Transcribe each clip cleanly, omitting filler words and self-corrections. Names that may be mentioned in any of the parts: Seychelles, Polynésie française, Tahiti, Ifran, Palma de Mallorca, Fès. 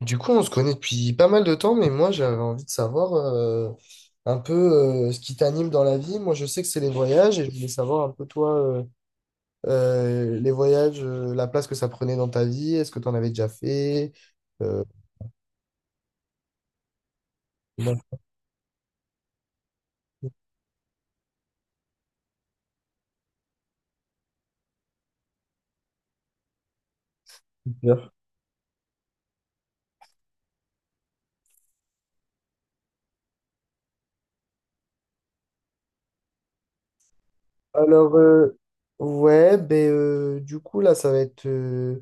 Du coup, on se connaît depuis pas mal de temps, mais moi, j'avais envie de savoir un peu ce qui t'anime dans la vie. Moi, je sais que c'est les voyages et je voulais savoir un peu toi, les voyages, la place que ça prenait dans ta vie. Est-ce que tu en avais déjà fait? Euh, Comment tu peux faire? Alors, euh, ouais, ben, du coup, là, ça va être, euh,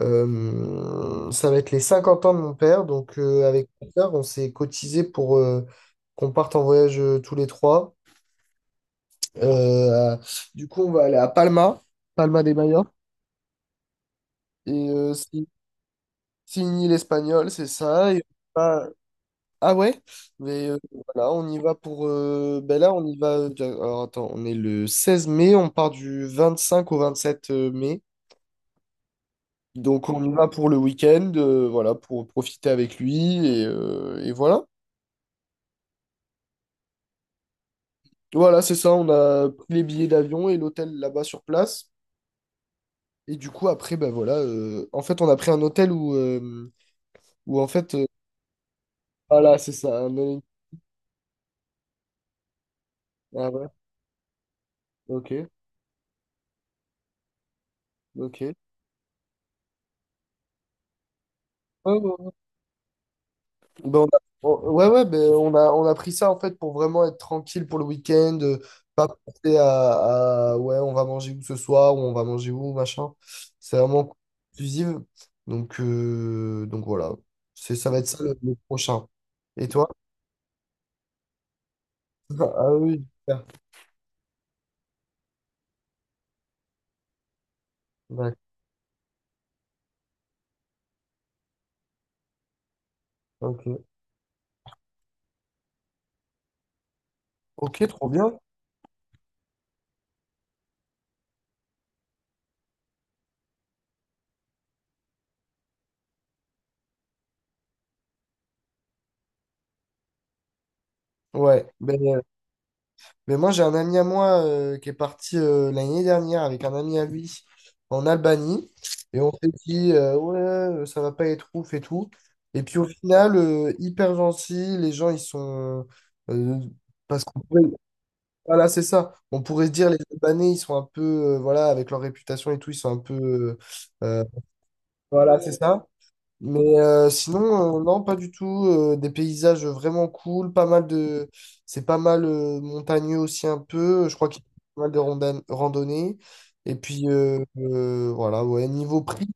euh, ça va être les 50 ans de mon père. Donc, avec mon père, on s'est cotisé pour qu'on parte en voyage tous les trois. Euh, du coup, on va aller à Palma de Mallorca. Et c'est une île espagnole, c'est ça. Et on va- ah ouais? Mais voilà, on y va pour. Ben là, on y va. Alors attends, on est le 16 mai, on part du 25 au 27 mai. Donc on y va pour le week-end, voilà, pour profiter avec lui. Et voilà. Voilà, c'est ça. On a pris les billets d'avion et l'hôtel là-bas sur place. Et du coup, après, ben voilà. En fait, on a pris un hôtel où. Où en fait voilà, c'est ça, un ah ouais, ok, ok. Ouais, ouais, ouais. Ben, ouais, ouais, ben, on a pris ça en fait pour vraiment être tranquille pour le week-end, pas penser ouais, on va manger où ce soir, ou on va manger où, machin. C'est vraiment exclusive. Donc voilà, c'est, ça va être ça le prochain. Et toi? Ah oui, super. Ouais, ok. Ok, trop bien. Ouais, ben, mais moi, j'ai un ami à moi qui est parti l'année dernière avec un ami à lui en Albanie. Et on s'est dit, ouais, ça va pas être ouf et tout. Et puis au final, hyper gentil, les gens, ils sont... euh, parce qu'on pourrait... voilà, c'est ça. On pourrait se dire, les Albanais, ils sont un peu, voilà, avec leur réputation et tout, ils sont un peu... euh, voilà, c'est ça. Mais sinon, non, pas du tout. Des paysages vraiment cool, pas mal de. C'est pas mal montagneux aussi un peu. Je crois qu'il y a pas mal de randonnées. Et puis voilà, ouais, niveau prix.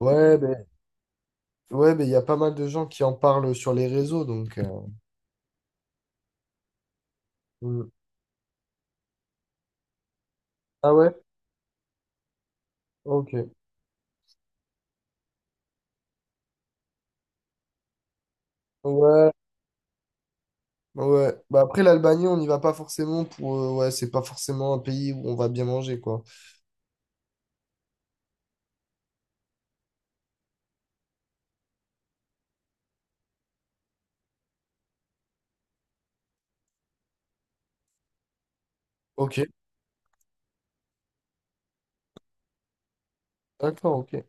Ouais, ben ouais, ben, il y a pas mal de gens qui en parlent sur les réseaux, donc. Mm. Ah ouais? Ok. Ouais, ouais. Bah après l'Albanie, on n'y va pas forcément pour. Ouais, c'est pas forcément un pays où on va bien manger, quoi. Ok, d'accord, ok. Et,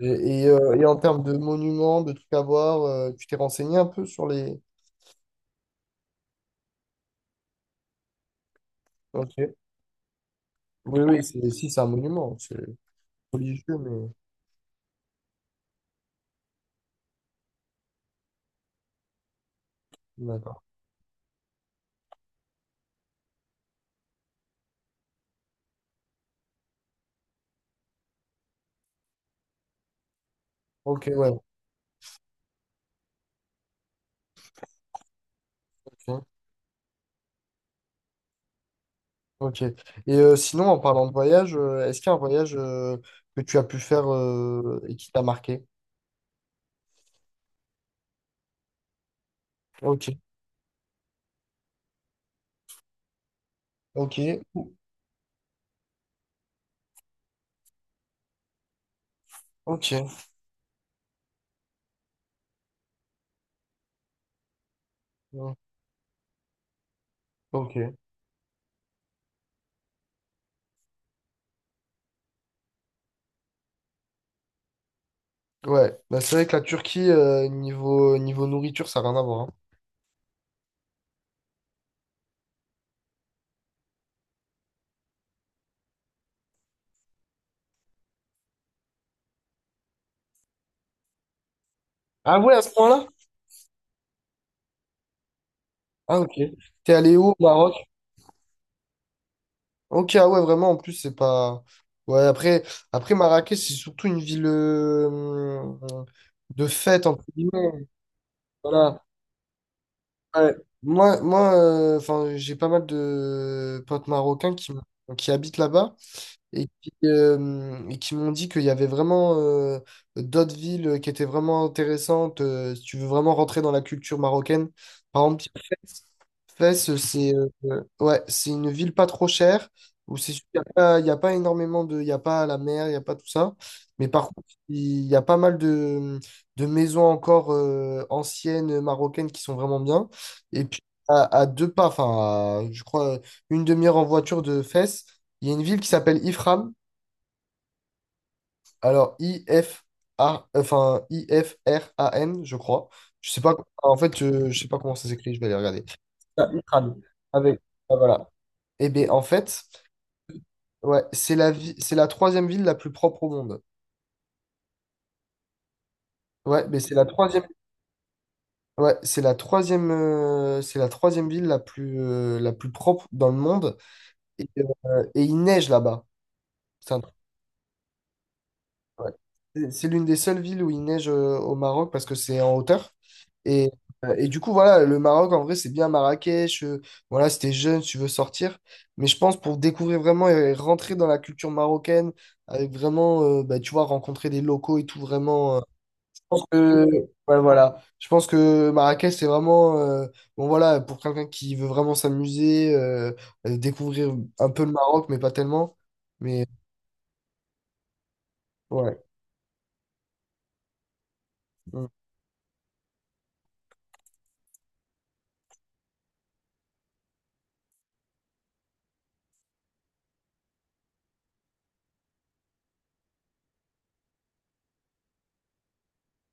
et en termes de monuments, de trucs à voir, tu t'es renseigné un peu sur les... ok. Oui, oui, c'est, si, c'est un monument, c'est religieux, mais... d'accord. Ok, ouais, ok. Ok. Et sinon, en parlant de voyage, est-ce qu'il y a un voyage que tu as pu faire et qui t'a marqué? Ok, ok, ok. Mm. Ok. Ouais, bah, c'est vrai que la Turquie, niveau nourriture, ça n'a rien à voir, hein. Ah ouais, à ce point-là? Ah ok. T'es allé où au Maroc? Ok, ah ouais, vraiment, en plus, c'est pas. Ouais, après Marrakech, c'est surtout une ville de fête, entre guillemets. Voilà. Ouais. Moi, enfin, j'ai pas mal de potes marocains qui habitent là-bas et qui m'ont dit qu'il y avait vraiment d'autres villes qui étaient vraiment intéressantes. Si tu veux vraiment rentrer dans la culture marocaine, par exemple, il y a Fès. Fès, c'est ouais, c'est une ville pas trop chère où c'est il y a pas énormément de, il y a pas la mer, il n'y a pas tout ça. Mais par contre, il y a pas mal de maisons encore anciennes marocaines qui sont vraiment bien. Et puis à deux pas, enfin, à, je crois une demi-heure en voiture de Fès. Il y a une ville qui s'appelle Ifram. Alors, Ifran, je crois. Je sais pas, en fait, je sais pas comment ça s'écrit, je vais aller regarder. Ah, Ifram. Avec, ah, voilà. Et bien, en fait, ouais, c'est la troisième ville la plus propre au monde. Ouais, mais ouais, c'est la troisième ville la plus propre dans le monde. Et il neige là-bas. C'est un Ouais. C'est l'une des seules villes où il neige au Maroc parce que c'est en hauteur. Et, et du coup, voilà, le Maroc, en vrai, c'est bien Marrakech. Voilà, si t'es jeune, si tu veux sortir. Mais je pense pour découvrir vraiment et rentrer dans la culture marocaine, avec vraiment, bah, tu vois, rencontrer des locaux et tout, vraiment. Je pense que, ouais, voilà. Je pense que Marrakech, c'est vraiment, bon, voilà, pour quelqu'un qui veut vraiment s'amuser, découvrir un peu le Maroc, mais pas tellement. Mais ouais,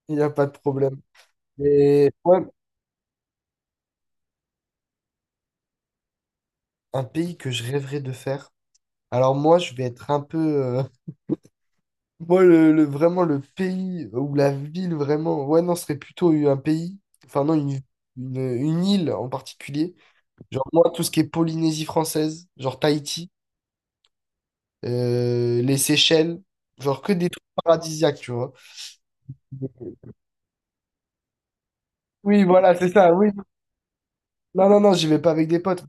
il n'y a pas de problème. Et ouais, un pays que je rêverais de faire. Alors moi, je vais être un peu... moi, vraiment, le pays ou la ville, vraiment... ouais, non, ce serait plutôt un pays. Enfin, non, une île en particulier. Genre, moi, tout ce qui est Polynésie française, genre Tahiti, les Seychelles, genre que des trucs paradisiaques, tu vois. Oui, voilà, c'est ça, oui. Non, non, non, j'y vais pas avec des potes.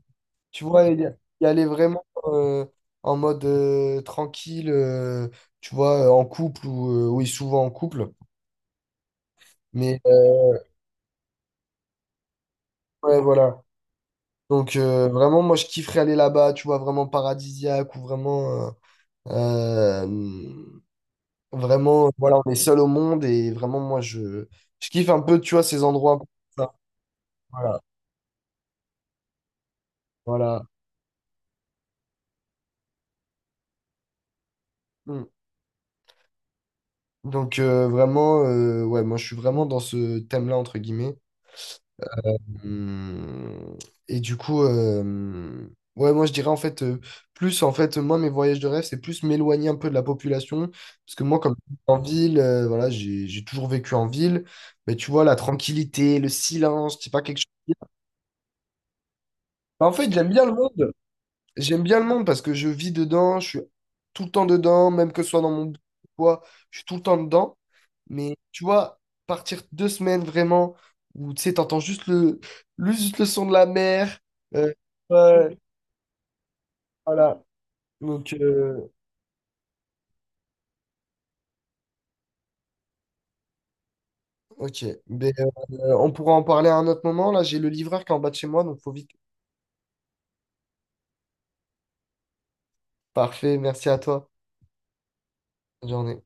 Tu vois, y aller vraiment en mode tranquille, tu vois, en couple ou oui, souvent en couple. Mais ouais, voilà. Donc vraiment, moi, je kifferais aller là-bas, tu vois, vraiment paradisiaque ou vraiment, euh, vraiment, voilà, on est seul au monde et vraiment, moi, je kiffe un peu, tu vois, ces endroits comme ça. Voilà, voilà. Mm. Donc vraiment, ouais, moi, je suis vraiment dans ce thème-là entre guillemets. Hum. Et du coup, ouais, moi je dirais en fait, plus en fait, moi mes voyages de rêve, c'est plus m'éloigner un peu de la population. Parce que moi, comme je vis en ville, voilà, j'ai toujours vécu en ville. Mais tu vois, la tranquillité, le silence, c'est pas quelque chose. Bah, en fait, j'aime bien le monde. J'aime bien le monde parce que je vis dedans, je suis tout le temps dedans, même que ce soit dans mon boulot ou quoi, je suis tout le temps dedans. Mais tu vois, partir 2 semaines vraiment, où tu sais, t'entends juste juste le son de la mer. euh, ouais, voilà. Donc, ok. Ben, on pourra en parler à un autre moment. Là, j'ai le livreur qui est en bas de chez moi, donc faut vite. Parfait, merci à toi. Bonne journée.